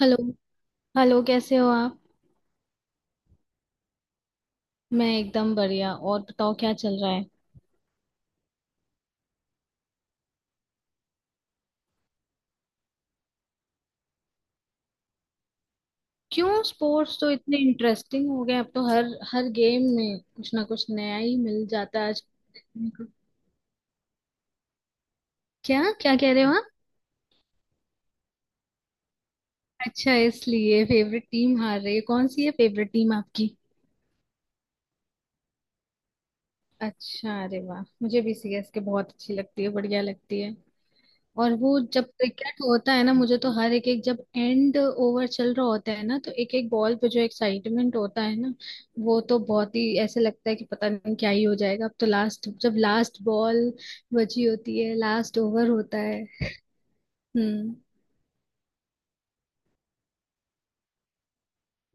Hello. Hello, कैसे हो आप? मैं एकदम बढ़िया। और बताओ, क्या चल रहा है? क्यों, स्पोर्ट्स तो इतने इंटरेस्टिंग हो गए अब तो। हर हर गेम में कुछ ना कुछ नया ही मिल जाता है आज देखने को। क्या क्या कह रहे हो आप? अच्छा, इसलिए फेवरेट टीम हार रही है। कौन सी है फेवरेट टीम आपकी? अच्छा, अरे वाह, मुझे भी सीएसके बहुत अच्छी लगती है, बढ़िया लगती है। और वो जब क्रिकेट होता है ना, मुझे तो हर एक एक, जब एंड ओवर चल रहा होता है ना, तो एक एक बॉल पे जो एक्साइटमेंट होता है ना, वो तो बहुत ही ऐसे लगता है कि पता नहीं क्या ही हो जाएगा अब तो। लास्ट जब लास्ट बॉल बची होती है, लास्ट ओवर होता है। हम्म।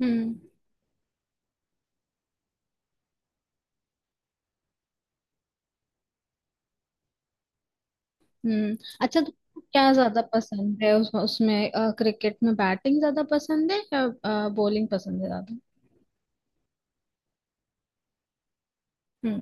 हम्म। हम्म। अच्छा तो, क्या ज्यादा पसंद है उसमें क्रिकेट में, बैटिंग ज्यादा पसंद है या बॉलिंग पसंद है ज्यादा? हम्म।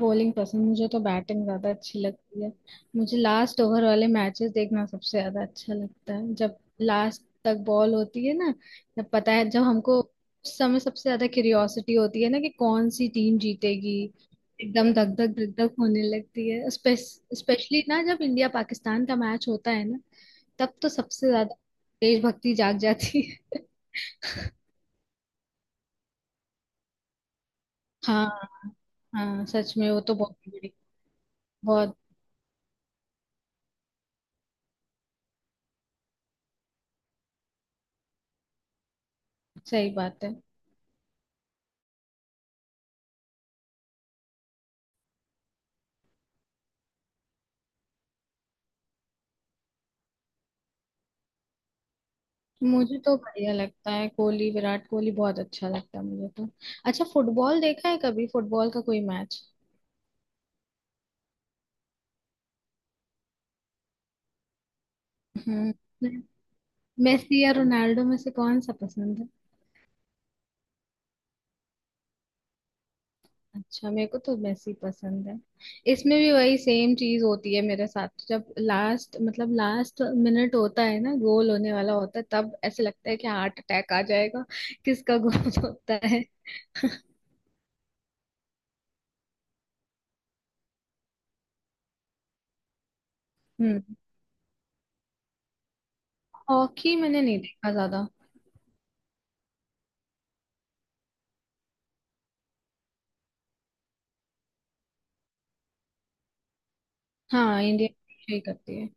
बॉलिंग पसंद। मुझे तो बैटिंग ज्यादा अच्छी लगती है। मुझे लास्ट ओवर वाले मैचेस देखना सबसे ज्यादा अच्छा लगता है, जब लास्ट तक बॉल होती है ना, जब पता है जब हमको, उस समय सबसे ज्यादा क्यूरियोसिटी होती है ना कि कौन सी टीम जीतेगी। एकदम धक धक धक धक होने लगती है, स्पेशली ना जब इंडिया पाकिस्तान का मैच होता है ना। तब तो सबसे ज्यादा देशभक्ति जाग जाती है हाँ। हाँ, सच में, वो तो बहुत बड़ी, बहुत सही बात है। मुझे तो बढ़िया लगता है कोहली, विराट कोहली बहुत अच्छा लगता है मुझे तो। अच्छा, फुटबॉल देखा है कभी, फुटबॉल का कोई मैच? हम्म। मेसी या रोनाल्डो में से कौन सा पसंद है? अच्छा, मेरे को तो मेसी पसंद है। इसमें भी वही सेम चीज होती है मेरे साथ, जब लास्ट, मतलब लास्ट मिनट होता है ना, गोल होने वाला होता है, तब ऐसे लगता है कि हार्ट अटैक आ जाएगा। किसका गोल होता है? हम्म। हॉकी मैंने नहीं देखा ज्यादा। हाँ, इंडिया ही करती है।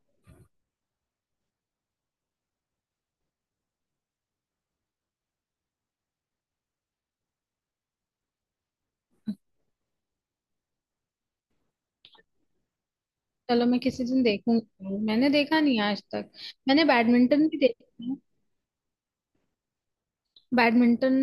चलो, मैं किसी दिन देखूंगी, मैंने देखा नहीं आज तक। मैंने बैडमिंटन भी देखा है। बैडमिंटन,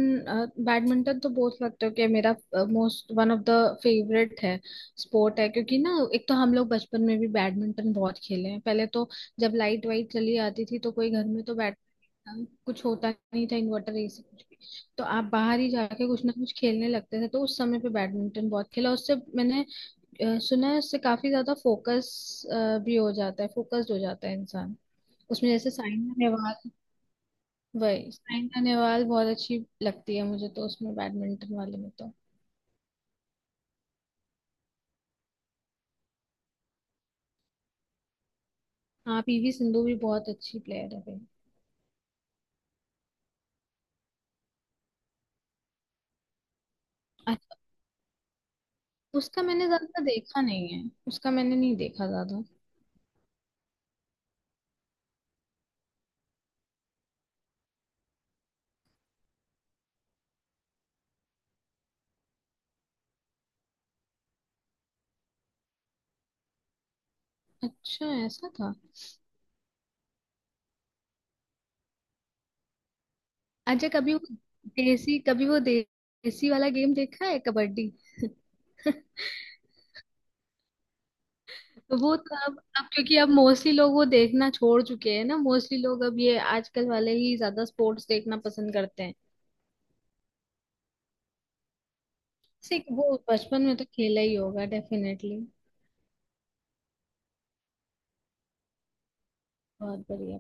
बैडमिंटन तो बोल सकते हो कि मेरा most, one of the favourite है, स्पोर्ट है, क्योंकि ना, एक तो हम लोग बचपन में भी बैडमिंटन बहुत खेले हैं पहले तो। जब लाइट वाइट चली आती थी तो कोई घर में तो बैड, कुछ होता नहीं था इन्वर्टर ऐसे कुछ भी, तो आप बाहर ही जाके कुछ ना कुछ खेलने लगते थे, तो उस समय पे बैडमिंटन बहुत खेला। उससे मैंने सुना है उससे काफी ज्यादा फोकस भी हो जाता है, फोकस्ड हो जाता है इंसान। उसमें जैसे साइन नेहवाल, वही साइना नेहवाल बहुत अच्छी लगती है मुझे तो उसमें बैडमिंटन वाले में तो। हाँ, पीवी सिंधु भी बहुत अच्छी प्लेयर है भाई। अच्छा, उसका मैंने ज्यादा देखा नहीं है, उसका मैंने नहीं देखा ज्यादा। अच्छा, ऐसा था। अच्छा, कभी वो देसी, कभी वो देसी वाला गेम देखा है, कबड्डी? तो वो तो अब क्योंकि अब मोस्टली लोग वो देखना छोड़ चुके हैं ना, मोस्टली लोग अब ये आजकल वाले ही ज्यादा स्पोर्ट्स देखना पसंद करते हैं। जैसे कि वो बचपन में तो खेला ही होगा डेफिनेटली। बहुत बढ़िया।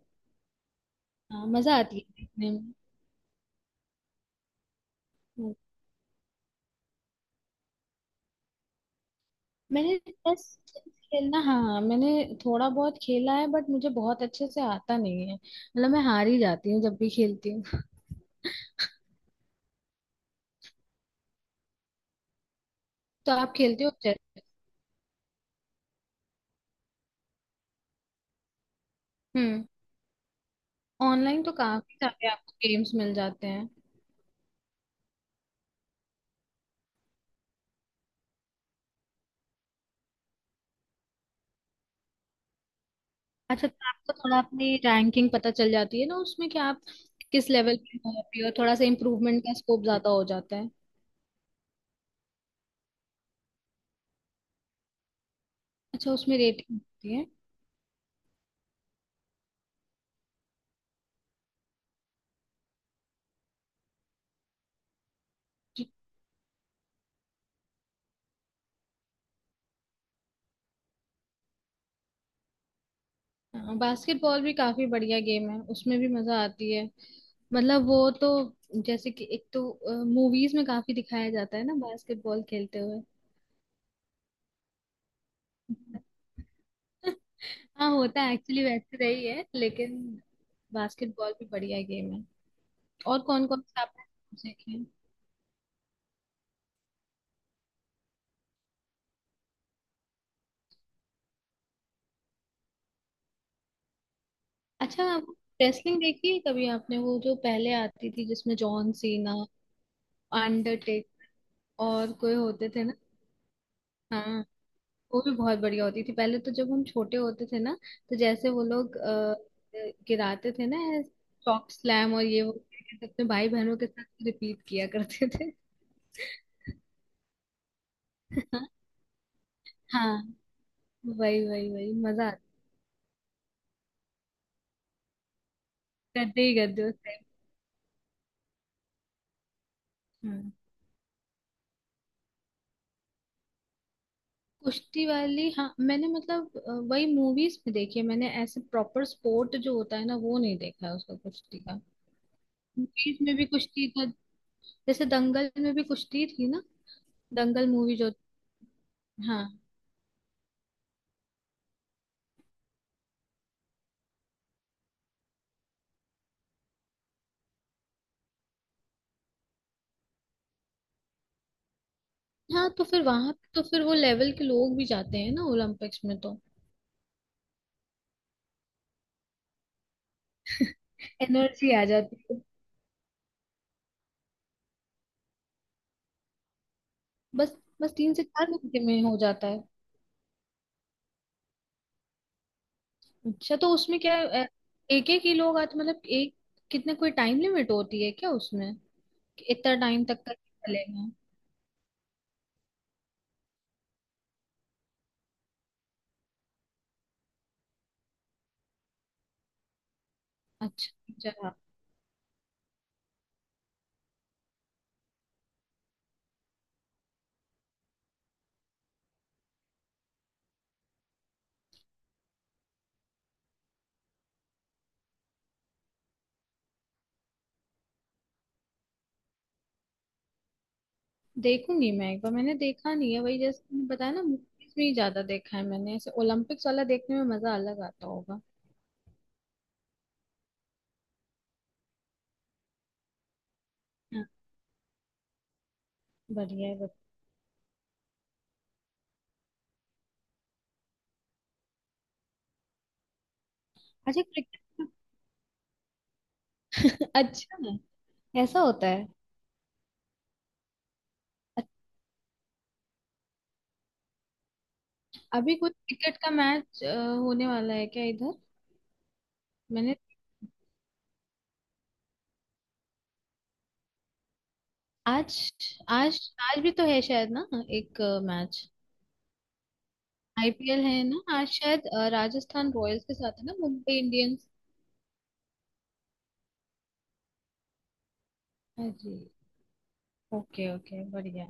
हाँ, मजा आती है देखने में। हम्म। मैंने चेस खेलना, हाँ मैंने थोड़ा बहुत खेला है, बट मुझे बहुत अच्छे से आता नहीं है, मतलब मैं हार ही जाती हूँ जब भी खेलती हूँ तो आप खेलते हो चेस? हम्म। ऑनलाइन तो काफी सारे आपको गेम्स मिल जाते हैं। अच्छा, तो आपको थोड़ा अपनी रैंकिंग पता चल जाती है ना उसमें, कि आप किस लेवल पे हो अभी, और थोड़ा सा इम्प्रूवमेंट का स्कोप ज्यादा हो जाता है। अच्छा, उसमें रेटिंग होती है। हाँ, बास्केटबॉल भी काफी बढ़िया गेम है, उसमें भी मजा आती है। मतलब वो तो जैसे कि एक तो मूवीज में काफी दिखाया जाता है ना बास्केटबॉल खेलते हुए। हाँ, होता है एक्चुअली, वैसे रही है, लेकिन बास्केटबॉल भी बढ़िया गेम है। और कौन कौन से आपने देखे हैं? अच्छा, रेसलिंग देखी है कभी आपने, वो जो पहले आती थी जिसमें जॉन सीना, अंडरटेक और कोई होते थे ना? हाँ, वो भी बहुत बढ़िया होती थी पहले तो, जब हम छोटे होते थे ना। तो जैसे वो लोग गिराते थे ना, चॉक स्लैम और ये वो करके, अपने भाई बहनों के साथ रिपीट किया करते थे हाँ, वही वही वही मजा आता, करते ही करते उस टाइम। हम्म। कुश्ती वाली, हाँ मैंने, मतलब वही मूवीज में देखी है मैंने, ऐसे प्रॉपर स्पोर्ट जो होता है ना वो नहीं देखा है उसका, कुश्ती का। मूवीज में भी कुश्ती था, जैसे दंगल में भी कुश्ती थी ना, दंगल मूवी जो। हाँ, हाँ तो फिर वहां तो फिर वो लेवल के लोग भी जाते हैं ना ओलंपिक्स में तो। एनर्जी आ जाती है। बस, बस 3 से 4 घंटे में हो जाता है। अच्छा, तो उसमें क्या एक एक ही लोग आते, मतलब एक कितने, कोई टाइम लिमिट होती है क्या उसमें कि इतना टाइम तक का चलेगा? अच्छा, अच्छा, हाँ। देखूंगी मैं एक बार, मैंने देखा नहीं है, वही जैसे तुमने बताया ना, मूवीज में ही ज्यादा देखा है मैंने, ऐसे ओलंपिक्स वाला देखने में मजा अलग आता होगा। हाँ, बढ़िया है, बढ़िया। अच्छा, क्रिकेट अच्छा, ऐसा होता है। अभी कुछ क्रिकेट का मैच होने वाला है क्या इधर? मैंने आज, आज आज भी तो है शायद ना, एक मैच। आईपीएल है ना आज शायद, राजस्थान रॉयल्स के साथ है ना मुंबई इंडियंस। हाँ जी, ओके ओके, बढ़िया।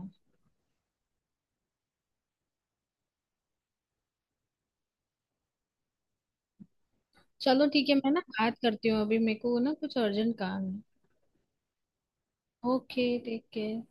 चलो, ठीक है, मैं ना बात करती हूँ, अभी मेरे को ना कुछ अर्जेंट काम है। Okay, take care.